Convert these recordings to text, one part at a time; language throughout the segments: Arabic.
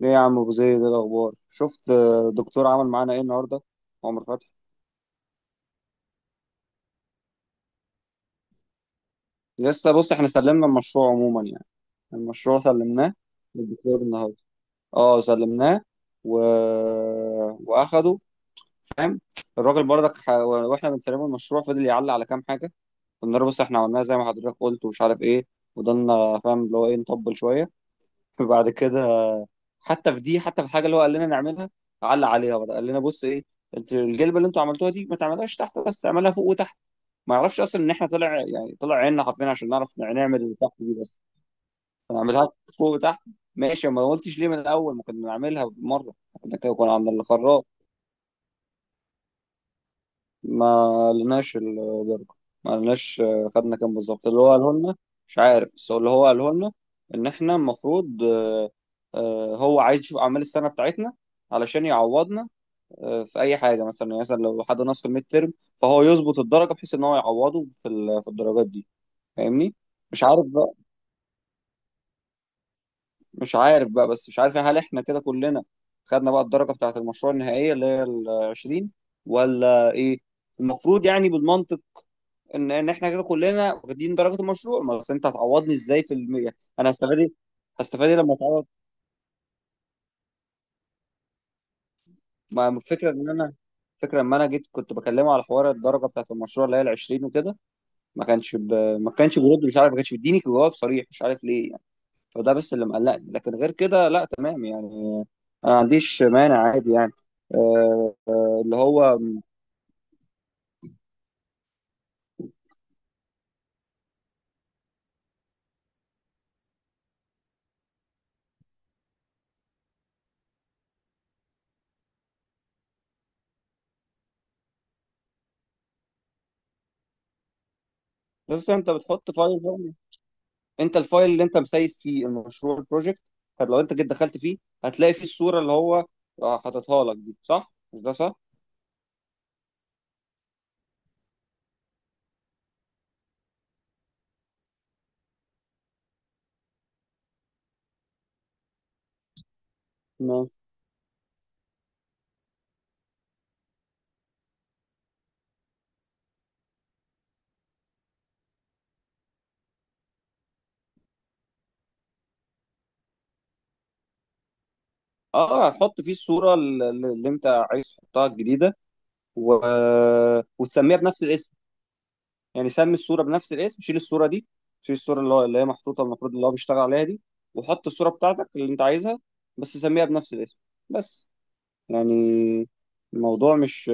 ليه يا عم ابو زيد، ايه الاخبار؟ شفت، دكتور عمل معانا ايه النهارده؟ عمر فتحي، لسه بص احنا سلمنا المشروع عموما يعني. المشروع سلمناه للدكتور النهارده، اه سلمناه و... واخده، فاهم. الراجل برضك واحنا بنسلمه المشروع فضل يعلق على كام حاجه. قلنا له بص احنا عملناها زي ما حضرتك قلت ومش عارف ايه، وضلنا فاهم اللي هو ايه نطبل شويه. وبعد كده حتى في دي، حتى في الحاجه اللي هو قال لنا نعملها علق عليها بقى، قال لنا بص ايه، انت الجلبه اللي انتوا عملتوها دي ما تعملهاش تحت بس، اعملها فوق وتحت. ما اعرفش اصلا ان احنا طلع يعني طلع عيننا حرفيا عشان نعرف نعمل اللي تحت دي بس. هنعملها فوق وتحت، ماشي، ما قلتش ليه من الاول ما كنا نعملها مره؟ كنا كده كنا عند الخراط. ما لناش الدرجه، ما لناش، خدنا كام بالظبط اللي هو قاله لنا. مش عارف بس هو اللي هو قاله لنا ان احنا المفروض، هو عايز يشوف اعمال السنه بتاعتنا علشان يعوضنا في اي حاجه، مثلا يعني مثلا لو حد نقص في الميد ترم فهو يظبط الدرجه بحيث ان هو يعوضه في الدرجات دي، فاهمني. مش عارف بقى، مش عارف بقى بس مش عارف هل احنا كده كلنا خدنا بقى الدرجة بتاعة المشروع النهائية اللي هي ال 20 ولا ايه؟ المفروض يعني بالمنطق ان احنا كده كلنا واخدين درجة المشروع، ما بس انت هتعوضني ازاي في المية، انا هستفاد ايه؟ هستفاد ايه لما اتعوض؟ ما الفكرة ان انا، فكرة لما انا جيت كنت بكلمه على حوار الدرجة بتاعة المشروع اللي هي ال 20 وكده، ما كانش ب... ما كانش بيرد، مش عارف، ما كانش بيديني جواب صريح، مش عارف ليه يعني. فده بس اللي مقلقني، لكن غير كده لا تمام يعني، انا ما عنديش مانع، عادي يعني. آه، اللي هو بس انت بتحط فايل بقى. انت الفايل اللي انت مسيب فيه المشروع البروجكت، لو انت جيت دخلت فيه هتلاقي فيه الصوره اللي هو حاططها لك دي، صح مش ده؟ صح، ماشي. اه هتحط فيه الصوره اللي انت حطها الجديده و... وتسميها بنفس الاسم، يعني سمي الصوره بنفس الاسم، شيل الصوره دي، شيل الصوره اللي هي محطوطه المفروض اللي هو بيشتغل عليها دي، وحط الصوره بتاعتك اللي انت عايزها، بس سميها بنفس الاسم بس. يعني الموضوع مش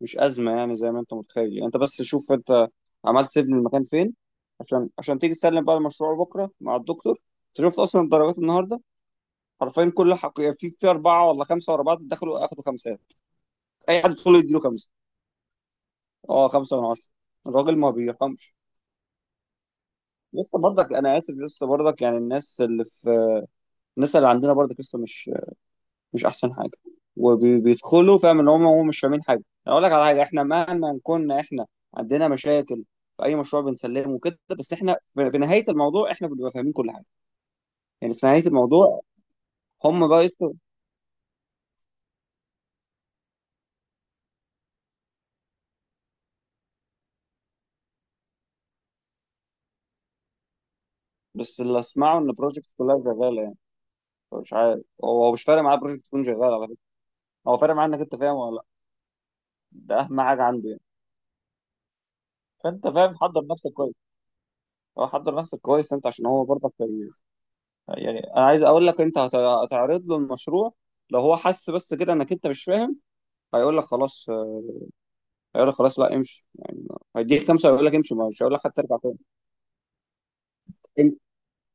مش أزمة يعني زي ما أنت متخيل، يعني أنت بس شوف أنت عملت سيف للمكان فين، عشان عشان تيجي تسلم بقى المشروع بكرة مع الدكتور. أنت شفت أصلا الدرجات النهاردة، حرفيا كل حق في أربعة ولا خمسة ورا بعض دخلوا أخدوا خمسات. أي حد يدخل يديله خمسة، أه خمسة من عشرة، الراجل ما بيرحمش. لسه برضك، أنا آسف، لسه برضك يعني الناس اللي في، الناس اللي عندنا برضك لسه مش احسن حاجه، وبيدخلوا فاهم ان هم مش فاهمين حاجه. أنا اقول لك على حاجه، احنا مهما كنا احنا عندنا مشاكل في اي مشروع بنسلمه كده بس احنا في نهايه الموضوع احنا بنبقى فاهمين كل حاجه يعني، في نهايه الموضوع هم بقى يسطوا. بس اللي اسمعه ان البروجكت كلها شغاله يعني. مش عارف، هو مش فارق معاه البروجكت تكون شغاله، على فكره هو فارق معاه انك انت فاهم ولا لا، ده اهم حاجه عنده يعني. فانت فاهم، حضر نفسك كويس، هو حضر نفسك كويس انت عشان هو برضك يعني، انا عايز اقول لك انت هتعرض له المشروع، لو هو حس بس كده انك انت مش فاهم هيقول لك خلاص، هيقول لك خلاص لا امشي يعني، هيديك خمسه ويقول لك امشي، مش هيقول لك حتى ارجع تاني. انت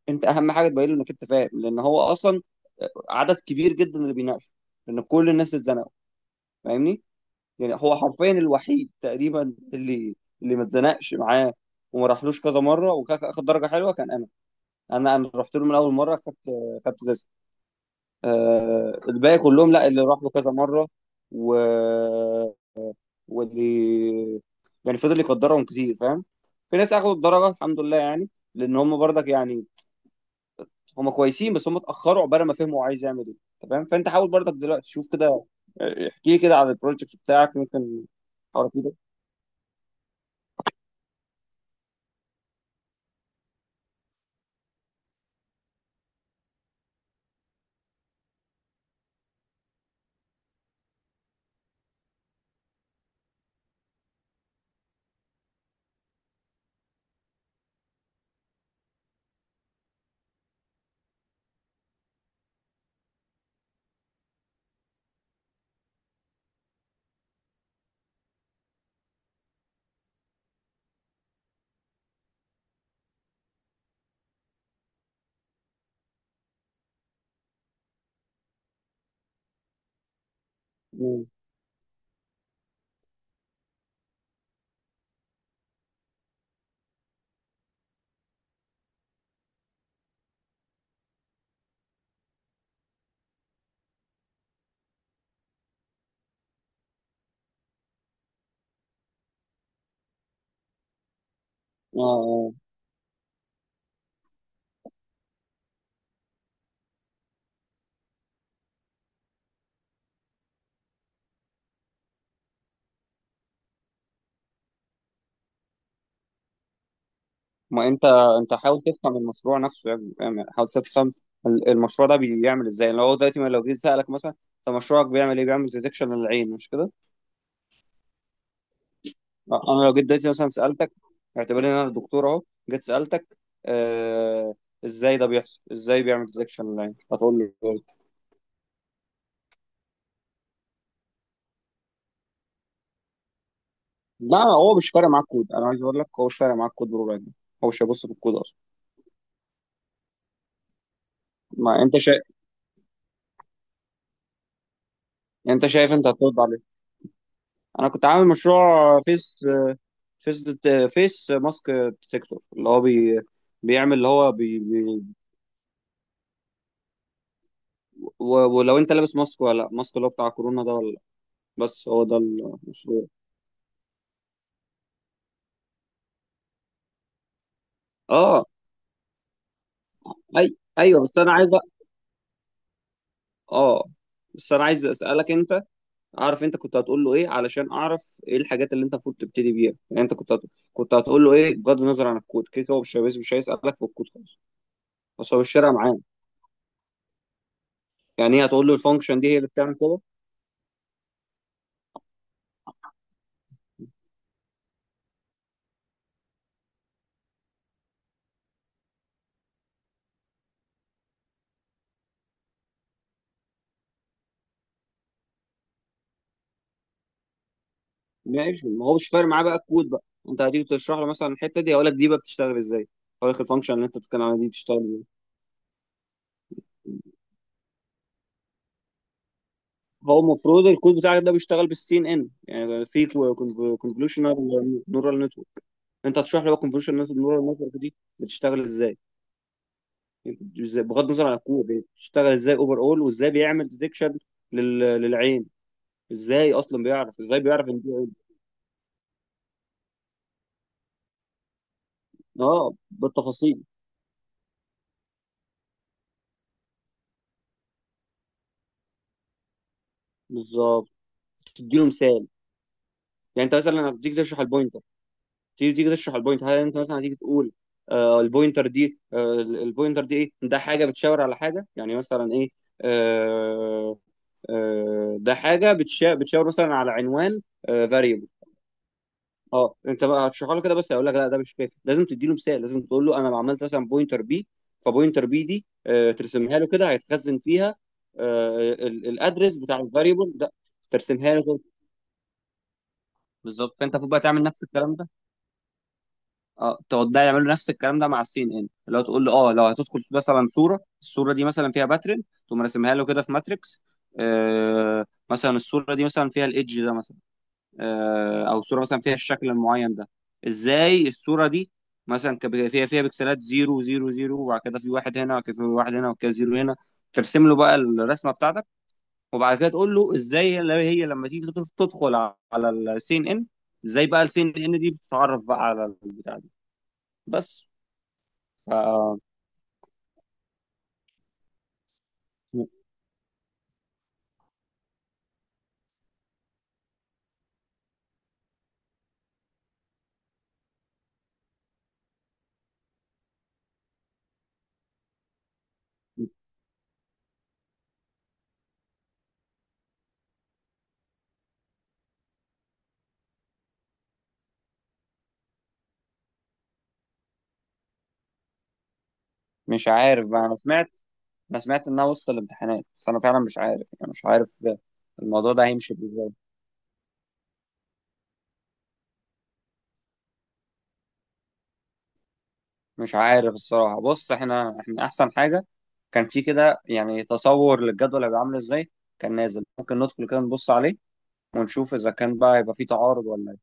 انت اهم حاجه تبين له انك انت فاهم، لان هو اصلا عدد كبير جدا اللي بيناقشوا، لان كل الناس اتزنقوا، فاهمني. يعني هو حرفيا الوحيد تقريبا اللي ما اتزنقش معاه وما راحلوش كذا مره وخد درجه حلوه كان انا، انا رحت له من اول مره خدت، خدت تسعة. الباقي كلهم لا، اللي راح له كذا مرة و... واللي يعني فضل يقدرهم كتير فاهم. في ناس اخدوا الدرجة الحمد لله يعني، لان هم برضك يعني هم كويسين، بس هم اتأخروا عقبال ما فهموا عايز يعمل ايه. أنت فاهم، فانت حاول برضك دلوقتي شوف كده. احكي لي كده على البروجكت بتاعك، ممكن اعرف ايه ده؟ مم. اه آه. ما انت، انت حاول تفهم المشروع نفسه يعني فاهم؟ يعني حاول تفهم المشروع ده بيعمل ازاي. يعني لو هو دلوقتي لو جيت سألك مثلا انت مشروعك بيعمل ايه؟ بيعمل ديتكشن للعين مش كده؟ انا لو جيت دلوقتي مثلا سالتك، اعتبرني ان انا دكتور اهو، جيت سالتك آه، ازاي ده بيحصل؟ ازاي بيعمل ديتكشن لاين؟ هتقول له كود. لا، هو مش فارق معاك كود، انا عايز اقول لك هو مش فارق معاك كود بربع جنيه، هو مش هيبص في الكود اصلا. ما انت شايف، انت شايف انت هترد عليه. انا كنت عامل مشروع فيس، فيس فيس ماسك ديتكتور، اللي هو بي، بيعمل اللي هو بي ولو انت لابس ماسك ولا لا، ماسك اللي هو بتاع كورونا ده ولا لا، بس هو ده المشروع. اه، ايوه بس انا عايز، اه بس انا عايز اسالك انت، اعرف انت كنت هتقول له ايه علشان اعرف ايه الحاجات اللي انت المفروض تبتدي بيها. يعني انت كنت هتقول له ايه، بغض النظر عن الكود، كده كده هو مش هيسالك في الكود خالص، بس هو الشارع معاه. يعني ايه، هتقول له الفانكشن دي هي اللي بتعمل كده؟ ماشي، ما هو مش فارق معاه بقى الكود بقى، انت هتيجي تشرح له مثلا الحته دي هيقول لك دي بقى بتشتغل ازاي، هقول لك الفانكشن اللي انت بتتكلم عنها دي بتشتغل ازاي. هو المفروض الكود بتاعك ده بيشتغل بالسي ان ان، يعني في كونفولوشنال نورال نتورك، انت هتشرح لي بقى كونفولوشنال نورال نتورك دي بتشتغل ازاي، بغض النظر عن الكود، يعني بتشتغل ازاي اوفر اول، وازاي بيعمل ديتكشن للعين، ازاي اصلا بيعرف، ازاي بيعرف ان دي عين. اه بالتفاصيل، بالظبط، تديله مثال. يعني انت مثلا هتديك تشرح البوينتر، تيجي تشرح البوينت، هل انت مثلا هتيجي تقول آه البوينتر دي، آه البوينتر دي ايه ده، حاجه بتشاور على حاجه، يعني مثلا ايه، آه آه ده حاجه بتشاور مثلا على عنوان فاريبل. اه انت بقى هتشرحه له كده، بس هيقول لك لا ده مش كافي، لازم تدي له مثال، لازم تقول له انا لو عملت مثلا بوينتر بي، فبوينتر بي دي آه ترسمها له كده، هيتخزن فيها آه الادرس بتاع الفاريبل ده. ترسمها له كده بالظبط، فانت المفروض بقى تعمل نفس الكلام ده، اه تقعد ده يعملوا نفس الكلام ده مع السين ان ان، اللي هو تقول له اه لو هتدخل مثلا صوره، الصوره دي مثلا فيها باترن تقوم راسمها له كده في ماتريكس، آه مثلا الصوره دي مثلا فيها الايدج ده مثلا، آه او الصوره مثلا فيها الشكل المعين ده، ازاي الصوره دي مثلا فيها بكسلات زيرو زيرو زيرو وبعد كده في واحد هنا وبعد كده في واحد هنا وبعد كده زيرو هنا. ترسم له بقى الرسمه بتاعتك، وبعد كده تقول له ازاي اللي هي لما تيجي تدخل على السين ان ان، ازاي بقى السين ان ان دي بتتعرف بقى على البتاع دي، بس. ف م- م- مش عارف بقى، انا سمعت، انا سمعت انها وسط الامتحانات بس انا فعلا مش عارف يعني، مش عارف الموضوع ده هيمشي ازاي. مش عارف الصراحه، بص احنا، احنا احسن حاجه كان في كده يعني تصور للجدول هيبقى عامل ازاي، كان نازل ممكن ندخل كده نبص عليه ونشوف اذا كان بقى يبقى في تعارض ولا.